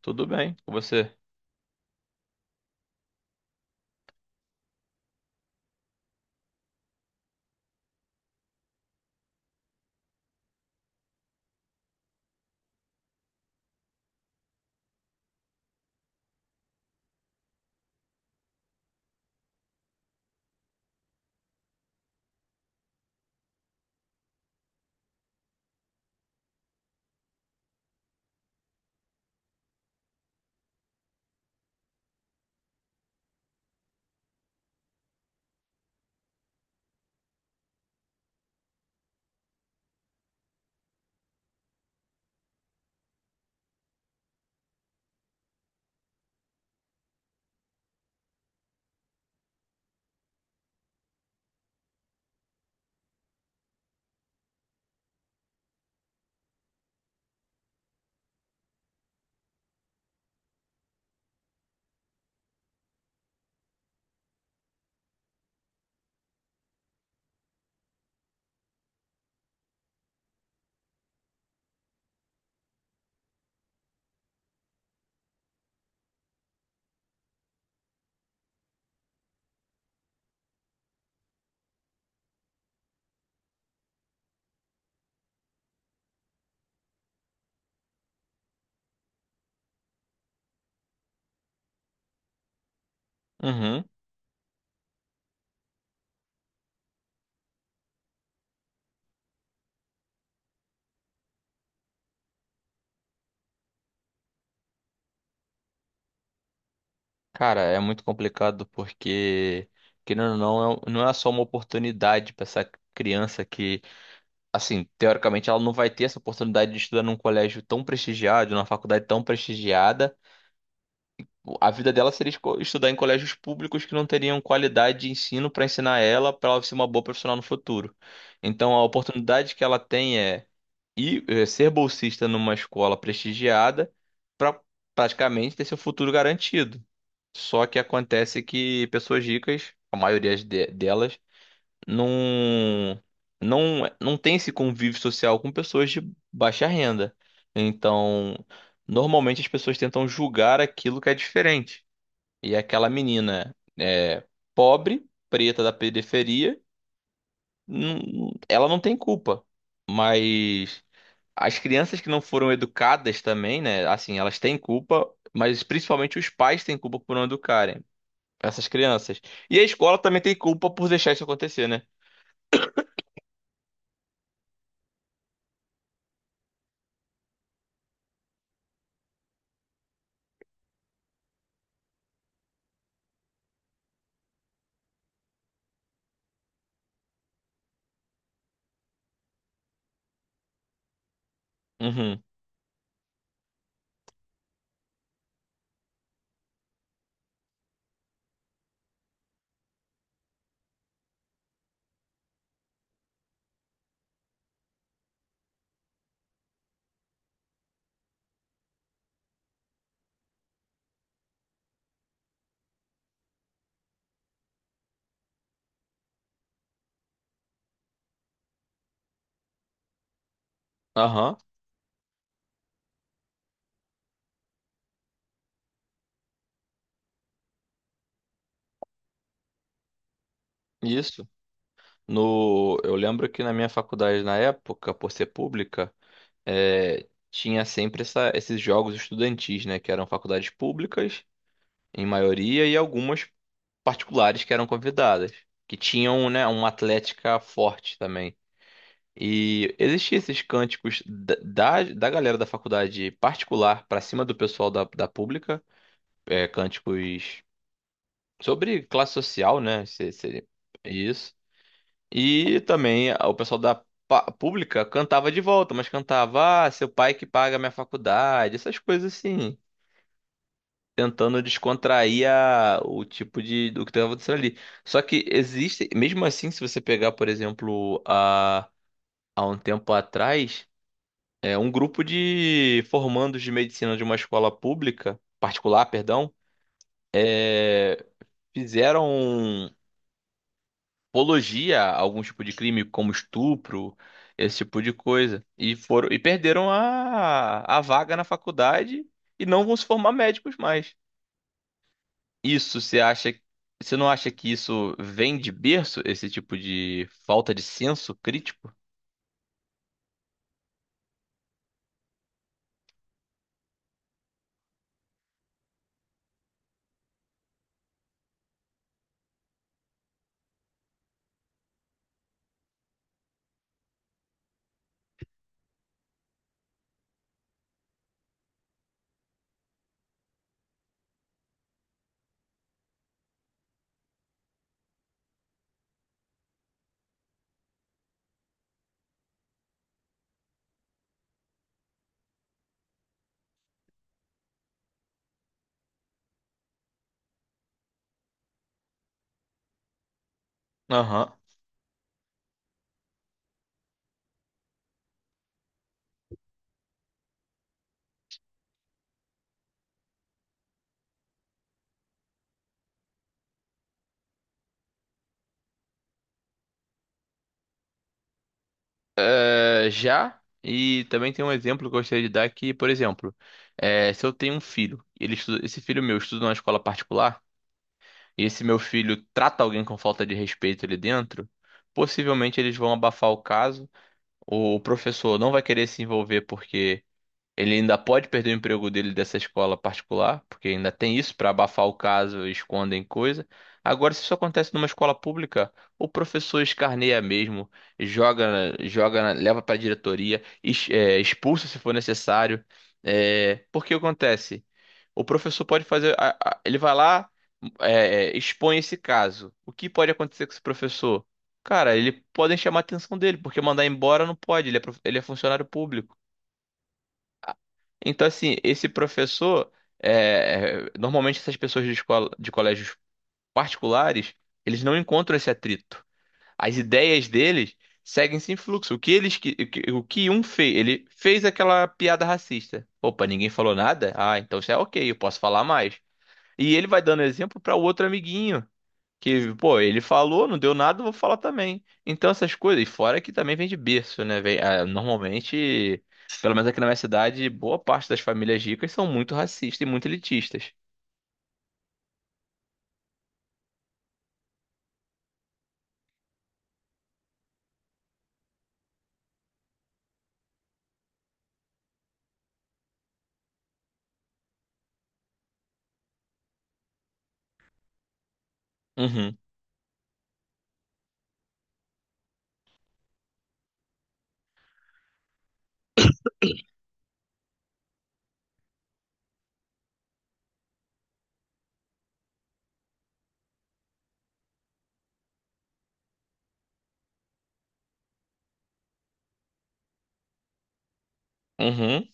Tudo bem com você? Uhum. Cara, é muito complicado porque, querendo ou não, não é só uma oportunidade para essa criança que, assim, teoricamente ela não vai ter essa oportunidade de estudar num colégio tão prestigiado, numa faculdade tão prestigiada. A vida dela seria estudar em colégios públicos que não teriam qualidade de ensino para ensinar ela, para ela ser uma boa profissional no futuro. Então, a oportunidade que ela tem é ir, ser bolsista numa escola prestigiada para praticamente ter seu futuro garantido. Só que acontece que pessoas ricas, a maioria delas, não, não tem esse convívio social com pessoas de baixa renda. Então, normalmente as pessoas tentam julgar aquilo que é diferente. E aquela menina é pobre, preta da periferia, ela não tem culpa. Mas as crianças que não foram educadas também, né? Assim, elas têm culpa, mas principalmente os pais têm culpa por não educarem essas crianças. E a escola também tem culpa por deixar isso acontecer, né? Uhum. Aham. Isso. No, eu lembro que na minha faculdade, na época, por ser pública, tinha sempre esses jogos estudantis, né? Que eram faculdades públicas, em maioria, e algumas particulares que eram convidadas, que tinham, né, uma atlética forte também. E existiam esses cânticos da galera da faculdade particular para cima do pessoal da pública, cânticos sobre classe social, né? Seria isso. E também o pessoal da pública cantava de volta, mas cantava, ah, seu pai que paga a minha faculdade, essas coisas assim. Tentando descontrair o tipo de do que estava acontecendo ali. Só que existe, mesmo assim, se você pegar, por exemplo, há um tempo atrás, um grupo de formandos de medicina de uma escola pública, particular, perdão, é fizeram um apologia a algum tipo de crime, como estupro, esse tipo de coisa. E foram e perderam a vaga na faculdade e não vão se formar médicos mais. Isso você acha, você não acha que isso vem de berço, esse tipo de falta de senso crítico? Aham. É, já, e também tem um exemplo que eu gostaria de dar que, por exemplo, se eu tenho um filho, ele esse filho meu estuda numa escola particular, e se meu filho trata alguém com falta de respeito ali dentro, possivelmente eles vão abafar o caso. O professor não vai querer se envolver porque ele ainda pode perder o emprego dele dessa escola particular, porque ainda tem isso para abafar o caso, escondem coisa. Agora, se isso acontece numa escola pública, o professor escarneia mesmo, joga, joga, leva para a diretoria, expulsa se for necessário. É, porque acontece? O professor pode fazer, ele vai lá, expõe esse caso. O que pode acontecer com esse professor? Cara, ele podem chamar a atenção dele, porque mandar embora não pode, ele é funcionário público. Então, assim, esse professor, normalmente essas pessoas de escola, de colégios particulares, eles não encontram esse atrito. As ideias deles seguem sem fluxo. O que um fez, ele fez aquela piada racista. Opa, ninguém falou nada? Ah, então isso é ok, eu posso falar mais. E ele vai dando exemplo para o outro amiguinho. Que, pô, ele falou, não deu nada, eu vou falar também. Então, essas coisas, e fora que também vem de berço, né? Vem, ah, normalmente, pelo menos aqui na minha cidade, boa parte das famílias ricas são muito racistas e muito elitistas. Uhum, uhum,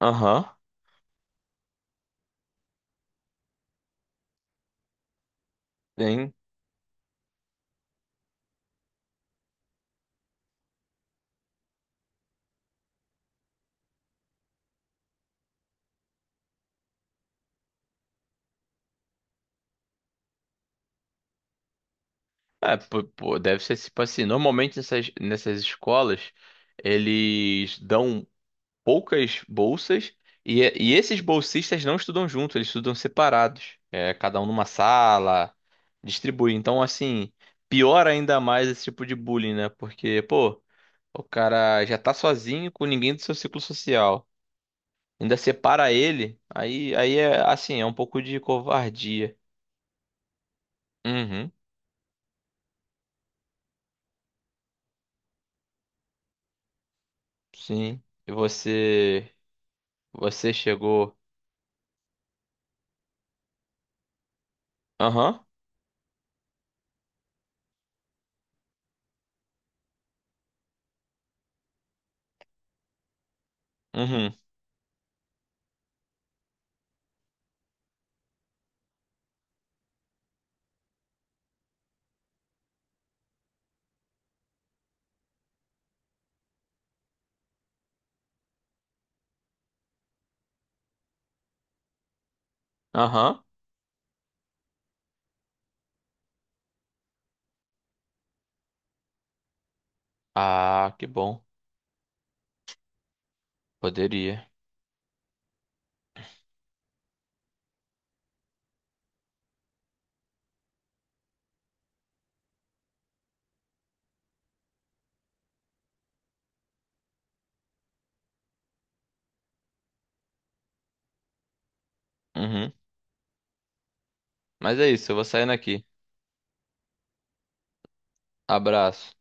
aham, tem. É, pô, pô, deve ser tipo assim, normalmente nessas escolas, eles dão poucas bolsas e esses bolsistas não estudam junto, eles estudam separados, é, cada um numa sala, distribui. Então, assim, piora ainda mais esse tipo de bullying, né? Porque, pô, o cara já tá sozinho com ninguém do seu ciclo social, ainda separa ele, aí é assim, é um pouco de covardia. Uhum, sim. E você, você chegou. Aham, uhum, aham. Ah, que bom. Poderia. Uhum. Mas é isso, eu vou saindo aqui. Abraço.